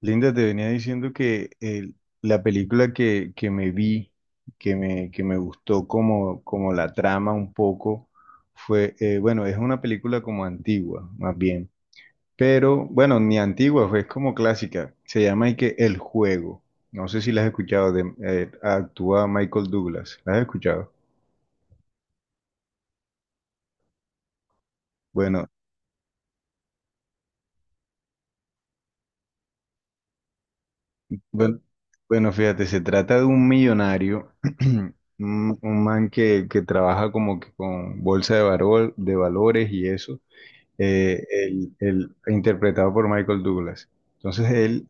Linda, te venía diciendo que la película que me vi, que me gustó como, como la trama un poco, es una película como antigua, más bien, pero bueno, ni antigua, fue, es como clásica, se llama y que El Juego, no sé si la has escuchado, actúa Michael Douglas. ¿La has escuchado? Bueno, bueno, bueno, fíjate, se trata de un millonario, un man que trabaja como que con de valores y eso, interpretado por Michael Douglas. Entonces él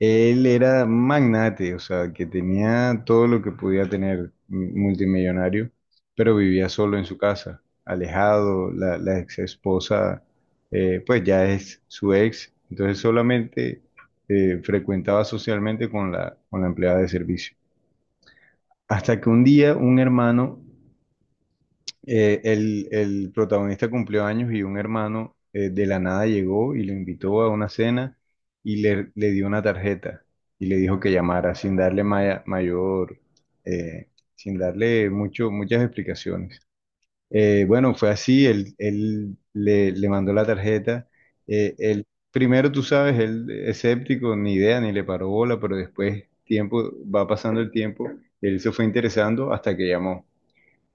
él era magnate, o sea, que tenía todo lo que podía tener un multimillonario, pero vivía solo en su casa, alejado. La ex esposa, pues ya es su ex, entonces solamente frecuentaba socialmente con la empleada de servicio. Hasta que un día un hermano, el protagonista cumplió años y un hermano, de la nada, llegó y lo invitó a una cena y le dio una tarjeta y le dijo que llamara sin darle maya- mayor, eh, sin darle mucho, muchas explicaciones. Bueno, fue así, le mandó la tarjeta. Él, primero, tú sabes, él escéptico, ni idea, ni le paró bola, pero después va pasando el tiempo, él se fue interesando hasta que llamó.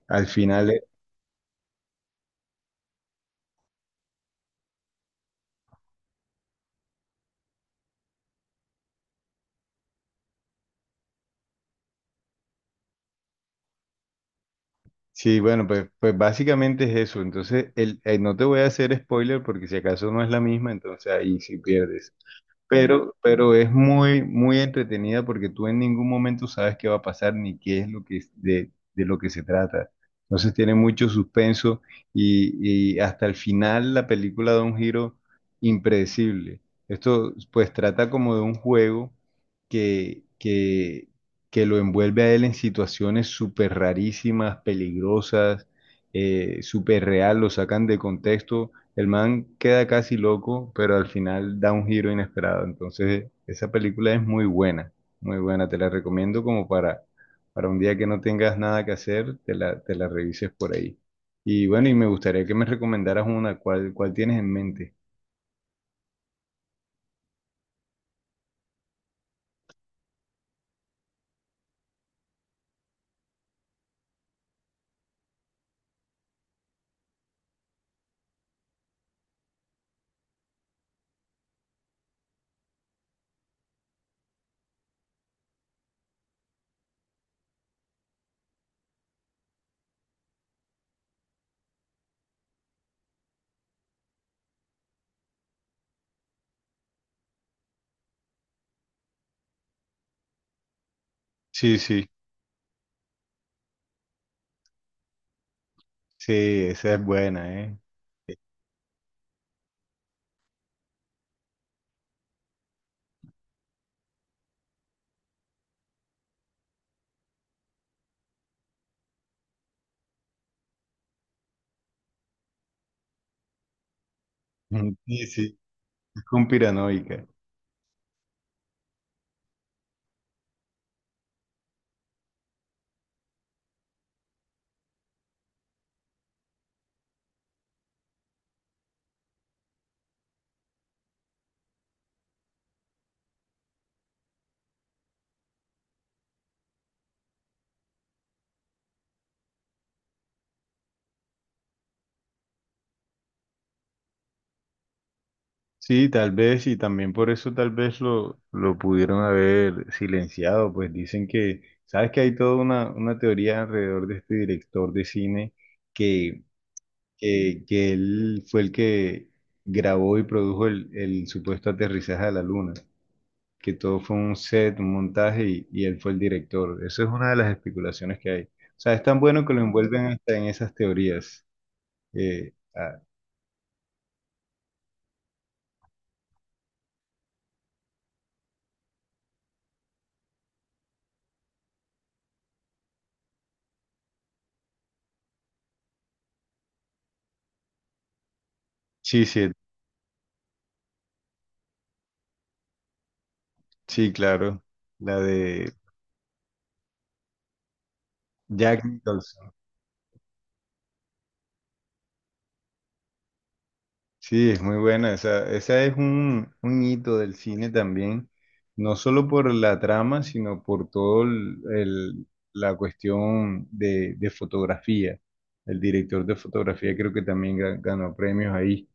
Al final, sí, bueno, pues básicamente es eso. Entonces, no te voy a hacer spoiler porque si acaso no es la misma, entonces ahí sí pierdes. Pero es muy entretenida porque tú en ningún momento sabes qué va a pasar ni qué es lo que es- de lo que se trata. Entonces tiene mucho suspenso y hasta el final la película da un giro impredecible. Esto pues trata como de un juego que, que, que lo envuelve a él en situaciones súper rarísimas, peligrosas, súper real, lo sacan de contexto, el man queda casi loco, pero al final da un giro inesperado. Entonces, esa película es muy buena, muy buena. Te la recomiendo como para un día que no tengas nada que hacer, te la revises por ahí. Y bueno, y me gustaría que me recomendaras una. ¿Cuál, cuál tienes en mente? Sí, sí, sí, esa es buena, ¿eh? Sí, sí, es conspiranoica. Sí, tal vez, y también por eso tal vez lo pudieron haber silenciado, pues dicen que, sabes que hay toda una teoría alrededor de este director de cine que, que él fue el que grabó y produjo el supuesto aterrizaje a la luna, que todo fue un set, un montaje y él fue el director. Eso es una de las especulaciones que hay. O sea, es tan bueno que lo envuelven hasta en esas teorías. Eh, ah, sí, sí, sí, claro, la de Jack Nicholson. Sí, es muy buena. Esa es un hito del cine también, no solo por la trama, sino por todo la cuestión de fotografía. El director de fotografía creo que también ganó premios ahí,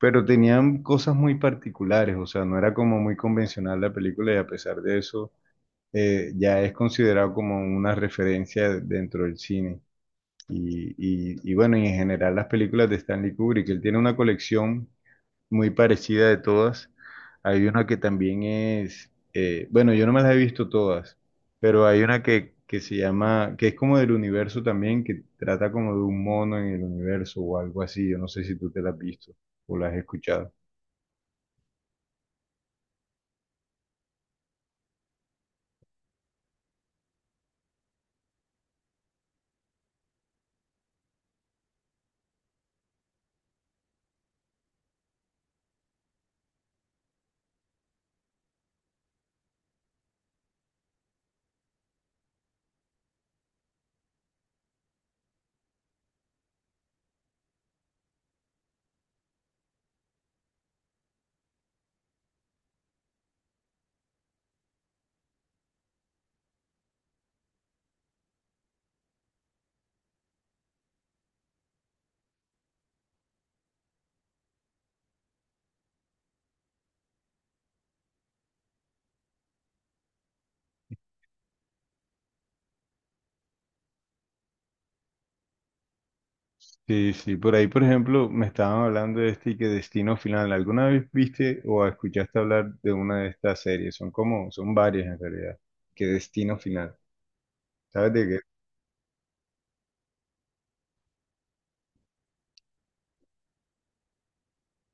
pero tenían cosas muy particulares, o sea, no era como muy convencional la película y a pesar de eso, ya es considerado como una referencia dentro del cine. Y bueno, y en general las películas de Stanley Kubrick, él tiene una colección muy parecida de todas. Hay una que también es, yo no me las he visto todas, pero hay una que se llama, que es como del universo también, que trata como de un mono en el universo o algo así. Yo no sé si tú te la has visto o la has escuchado. Sí, sí, por ahí, por ejemplo, me estaban hablando de este y que Destino Final. ¿Alguna vez viste o escuchaste hablar de una de estas series? Son como, son varias en realidad. Qué Destino Final. ¿Sabes de qué?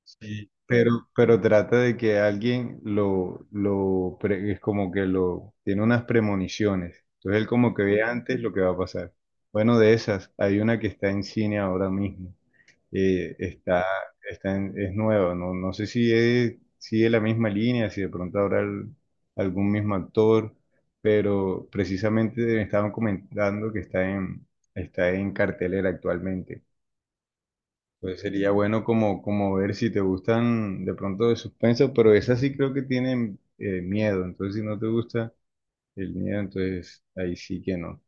Sí, pero trata de que alguien es como que lo tiene unas premoniciones. Entonces él como que ve antes lo que va a pasar. Bueno, de esas, hay una que está en cine ahora mismo. Eh, está, es nueva, no, no sé si es, sigue la misma línea, si de pronto habrá algún mismo actor, pero precisamente me estaban comentando que está en cartelera actualmente. Pues sería bueno como, como ver si te gustan de pronto de suspenso, pero esas sí creo que tienen, miedo, entonces si no te gusta el miedo, entonces ahí sí que no.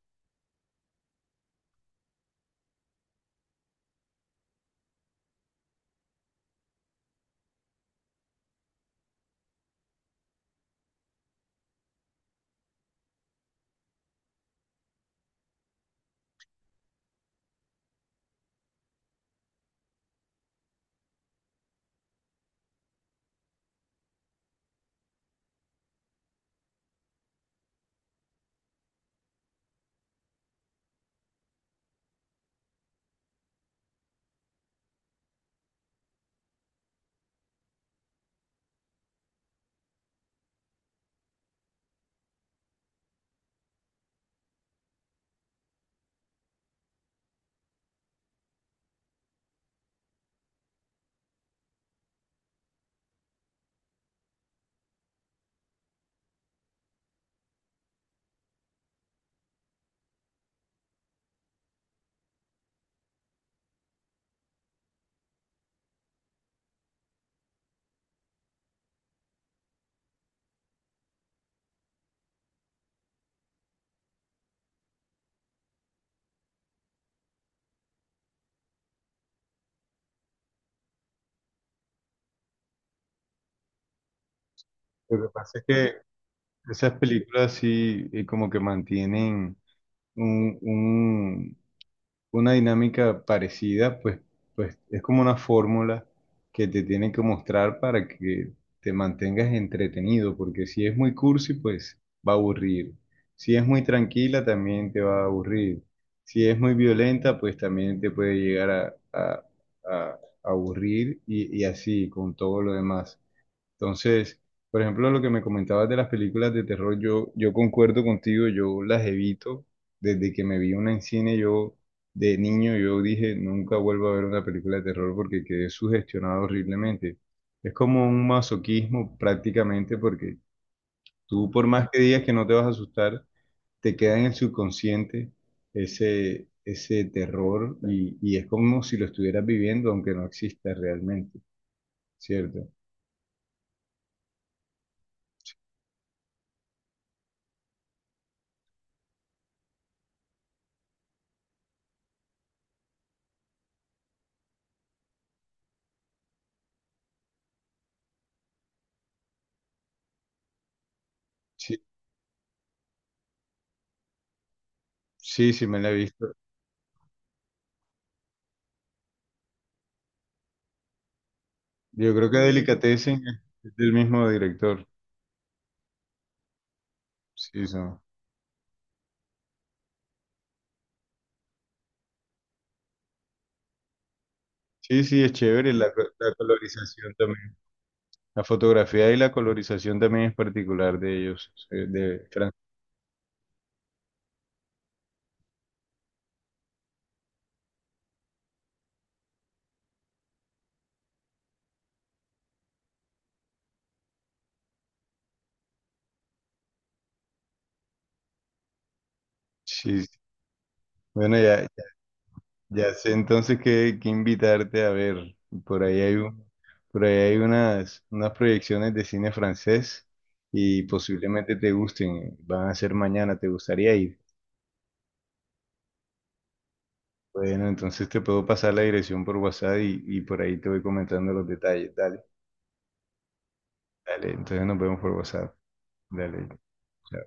Lo que pasa es que esas películas sí, como que mantienen un, un, una dinámica parecida, pues, pues es como una fórmula que te tienen que mostrar para que te mantengas entretenido, porque si es muy cursi, pues va a aburrir. Si es muy tranquila, también te va a aburrir. Si es muy violenta, pues también te puede llegar a- a aburrir y así con todo lo demás. Entonces, por ejemplo, lo que me comentabas de las películas de terror, yo concuerdo contigo, yo las evito. Desde que me vi una en cine, yo de niño, yo dije, nunca vuelvo a ver una película de terror porque quedé sugestionado horriblemente. Es como un masoquismo prácticamente porque tú, por más que digas que no te vas a asustar, te queda en el subconsciente ese terror y es como si lo estuvieras viviendo aunque no exista realmente, ¿cierto? Sí, sí, sí me la he visto. Yo creo que Delicatessen es del mismo director. Sí, son. Sí, sí, es chévere. La colorización también. La fotografía y la colorización también es particular de ellos, de Francia. Sí, sí. Bueno, ya, ya sé entonces que invitarte a ver. Por ahí hay un, por ahí hay unas proyecciones de cine francés y posiblemente te gusten. Van a ser mañana, ¿te gustaría ir? Bueno, entonces te puedo pasar la dirección por WhatsApp y por ahí te voy comentando los detalles. Dale. Dale, entonces nos vemos por WhatsApp. Dale, chao.